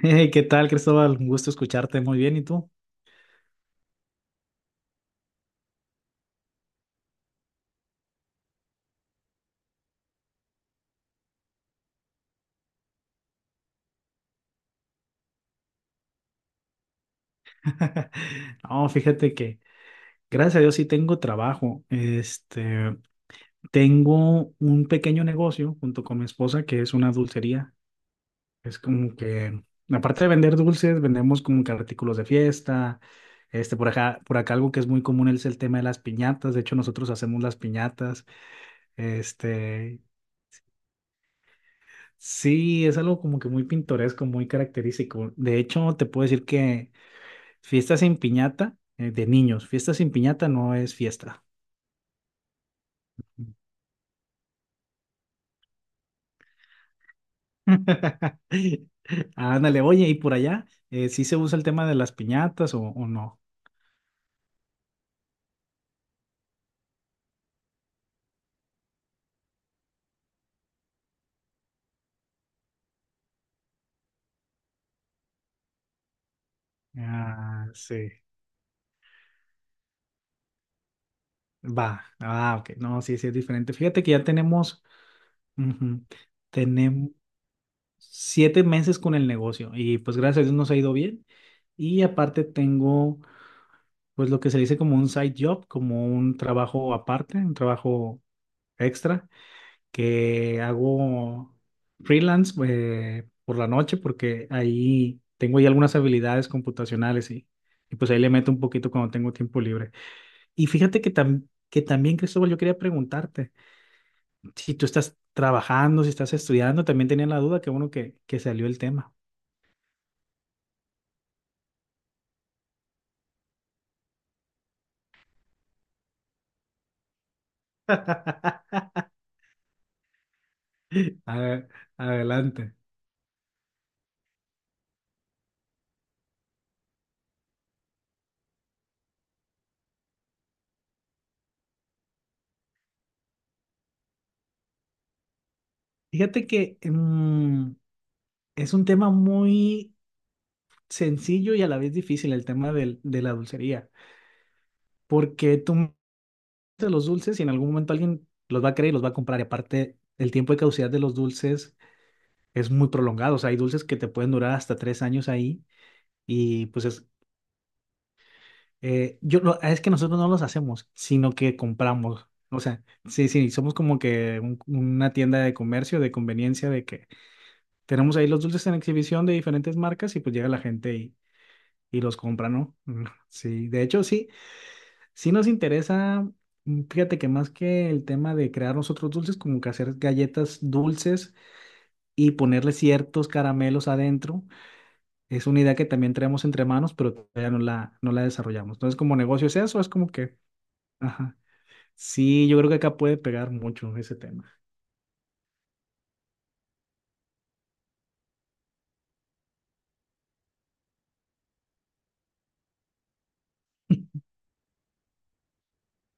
Hey, ¿qué tal, Cristóbal? Un gusto escucharte. Muy bien, ¿y tú? No, fíjate que gracias a Dios sí tengo trabajo. Tengo un pequeño negocio junto con mi esposa que es una dulcería. Es como que, aparte de vender dulces, vendemos como que artículos de fiesta. Por acá algo que es muy común es el tema de las piñatas. De hecho, nosotros hacemos las piñatas. Este, sí, es algo como que muy pintoresco, muy característico. De hecho, te puedo decir que fiesta sin piñata, de niños. Fiesta sin piñata no es fiesta. Ándale, oye, ¿y por allá? ¿Sí se usa el tema de las piñatas o no? Ah, sí. Va. Ah, ok. No, sí, sí es diferente. Fíjate que ya tenemos. Ujú. Tenemos 7 meses con el negocio y pues gracias a Dios nos ha ido bien. Y aparte tengo pues lo que se dice como un side job, como un trabajo aparte, un trabajo extra que hago freelance por la noche porque ahí tengo ya algunas habilidades computacionales y pues ahí le meto un poquito cuando tengo tiempo libre. Y fíjate que, que también, Cristóbal, yo quería preguntarte, si tú estás trabajando, si estás estudiando, también tenía la duda, que bueno que salió el tema. A ver, adelante. Fíjate que es un tema muy sencillo y a la vez difícil el tema de la dulcería, porque tú de los dulces y en algún momento alguien los va a querer y los va a comprar. Y aparte, el tiempo de caducidad de los dulces es muy prolongado. O sea, hay dulces que te pueden durar hasta 3 años ahí y pues es, yo, es que nosotros no los hacemos, sino que compramos. O sea, sí, sí, somos como que una tienda de comercio, de conveniencia, de que tenemos ahí los dulces en exhibición de diferentes marcas y pues llega la gente y los compra, ¿no? Mm. Sí, de hecho. Sí, sí nos interesa, fíjate que más que el tema de crear nosotros dulces, como que hacer galletas dulces y ponerle ciertos caramelos adentro, es una idea que también traemos entre manos, pero todavía no la desarrollamos. Entonces, como negocio es eso, es como que, ajá, sí, yo creo que acá puede pegar mucho ese tema.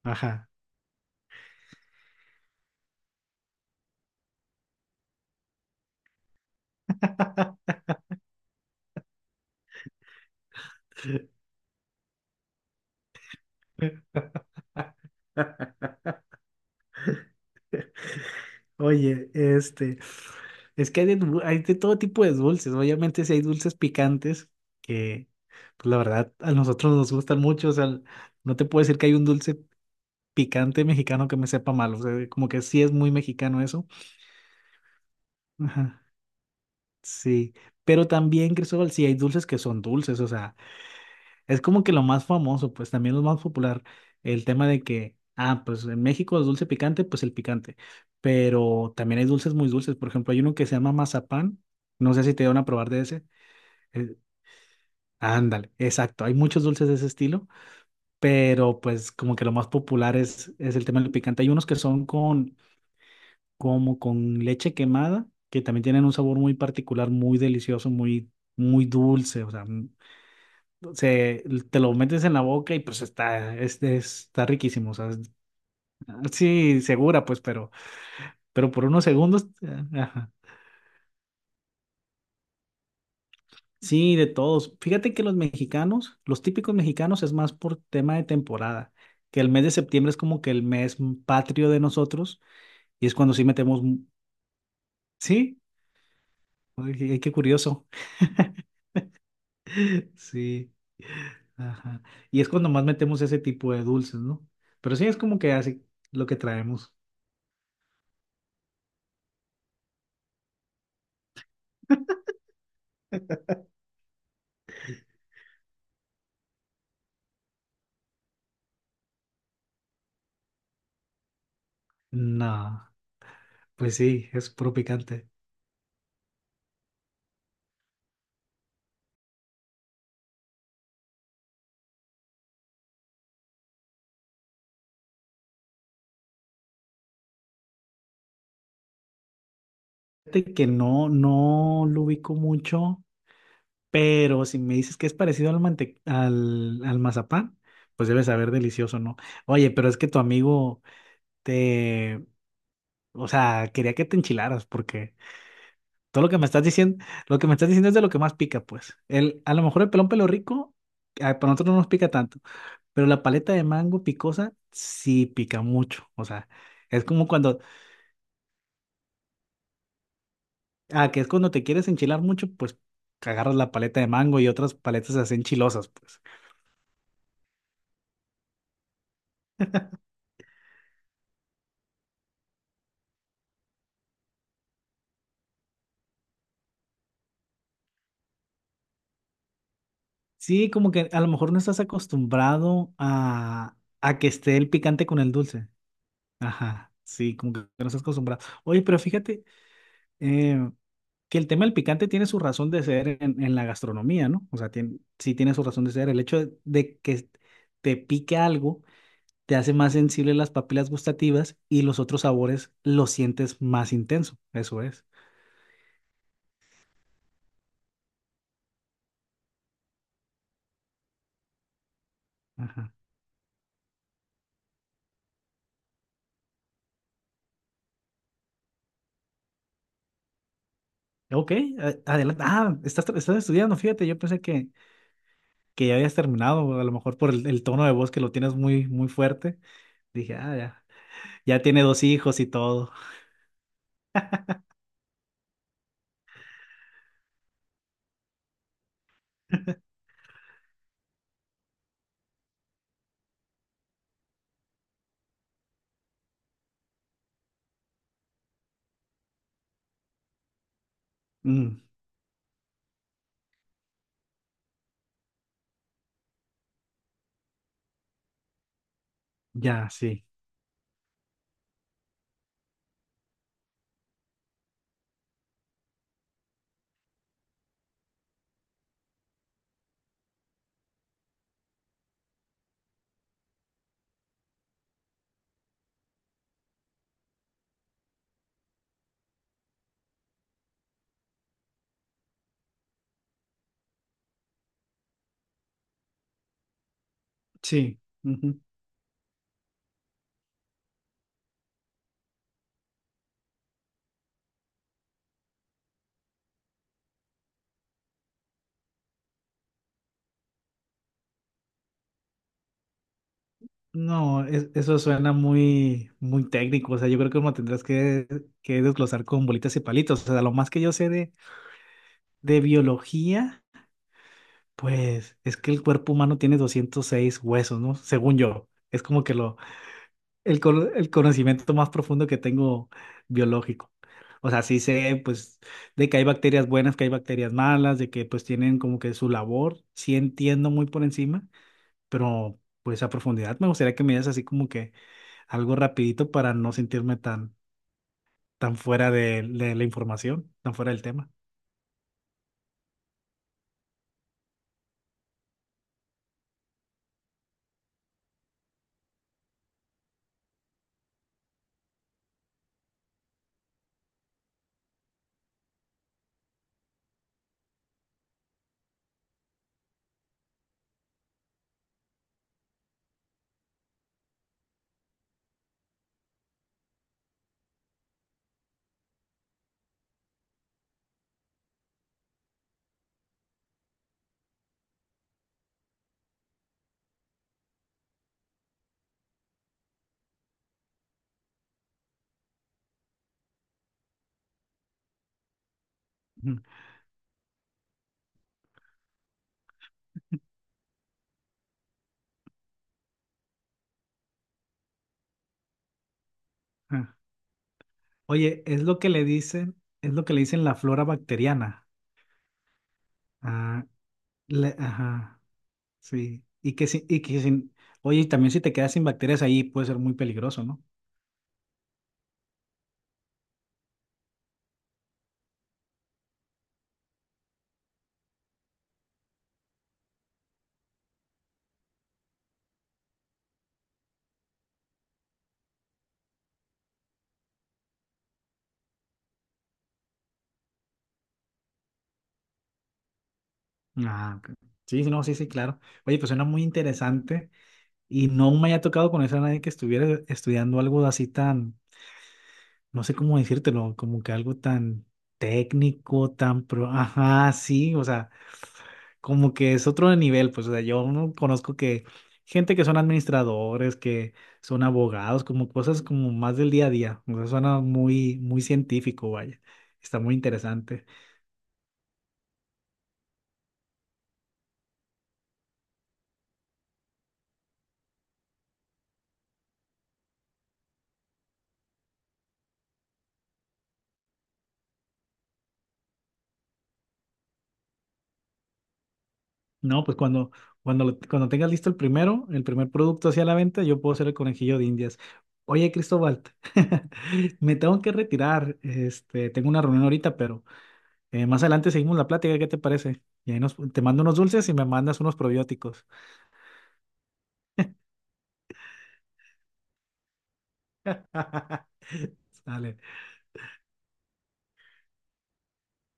Ajá. Oye, es que hay de todo tipo de dulces, ¿no? Obviamente, si hay dulces picantes que, pues la verdad, a nosotros nos gustan mucho. O sea, no te puedo decir que hay un dulce picante mexicano que me sepa mal. O sea, como que sí es muy mexicano eso. Ajá, sí. Pero también, Cristóbal, sí hay dulces que son dulces. O sea, es como que lo más famoso, pues también lo más popular, el tema de que, ah, pues en México es dulce picante, pues el picante, pero también hay dulces muy dulces, por ejemplo, hay uno que se llama mazapán, no sé si te dieron a probar de ese, eh, ándale, exacto, hay muchos dulces de ese estilo, pero pues como que lo más popular es el tema del picante, hay unos que son con, como con leche quemada, que también tienen un sabor muy particular, muy delicioso, muy, muy dulce, o sea, se, te lo metes en la boca y pues está riquísimo, o sea, sí, segura, pues, pero por unos segundos, ajá. Sí, de todos. Fíjate que los mexicanos, los típicos mexicanos es más por tema de temporada, que el mes de septiembre es como que el mes patrio de nosotros y es cuando sí metemos, sí, ay, qué curioso. Sí. Ajá. Y es cuando más metemos ese tipo de dulces, ¿no? Pero sí es como que así lo que traemos. No. Pues sí, es puro picante. Fíjate que no lo ubico mucho, pero si me dices que es parecido al mazapán, pues debe saber delicioso, ¿no? Oye, pero es que tu amigo te, o sea, quería que te enchilaras, porque todo lo que me estás diciendo es de lo que más pica, pues. A lo mejor el pelón pelo rico, ah, para nosotros no nos pica tanto, pero la paleta de mango picosa sí pica mucho. O sea, es como cuando Ah, que es cuando te quieres enchilar mucho, pues agarras la paleta de mango y otras paletas se hacen chilosas, pues. Sí, como que a lo mejor no estás acostumbrado a que esté el picante con el dulce. Ajá, sí, como que no estás acostumbrado. Oye, pero fíjate eh, que el tema del picante tiene su razón de ser en la gastronomía, ¿no? O sea, tiene, sí tiene su razón de ser. El hecho de que te pique algo te hace más sensible las papilas gustativas y los otros sabores los sientes más intenso. Eso es. Ajá. Ok, adelante. Ah, estás, estás estudiando, fíjate, yo pensé que ya habías terminado, a lo mejor por el tono de voz que lo tienes muy, muy fuerte. Dije, ah, ya tiene dos hijos y todo. Mm, ya, sí, sí. Ujú. No, eso suena muy, muy técnico, o sea, yo creo que uno tendrás que desglosar con bolitas y palitos. O sea, lo más que yo sé de biología, pues es que el cuerpo humano tiene 206 huesos, ¿no? Según yo. Es como que el conocimiento más profundo que tengo biológico. O sea, sí sé, pues, de que hay bacterias buenas, que hay bacterias malas, de que, pues, tienen como que su labor. Sí entiendo muy por encima, pero, pues, a profundidad me gustaría que me dieras así como que algo rapidito para no sentirme tan, tan fuera de la información, tan fuera del tema. Ujú. Ah. Oye, es lo que le dicen la flora bacteriana. Ah, ajá. Sí, y que sin, oye, y también si te quedas sin bacterias ahí puede ser muy peligroso, ¿no? Ah, ok. Sí, sí, no, sí, sí, claro. Oye, pues suena muy interesante y no me haya tocado conocer a nadie que estuviera estudiando algo así tan, no sé cómo decírtelo, como que algo tan técnico, tan pro, ajá, sí, o sea, como que es otro nivel, pues, o sea, yo no conozco que gente que son administradores, que son abogados, como cosas como más del día a día, o sea, suena muy, muy científico, vaya, está muy interesante. No, pues cuando tengas listo el primer producto hacia la venta, yo puedo ser el conejillo de Indias. Oye, Cristóbal, me tengo que retirar, tengo una reunión ahorita, pero más adelante seguimos la plática, ¿qué te parece? Y ahí te mando unos dulces y me mandas unos probióticos. Sale.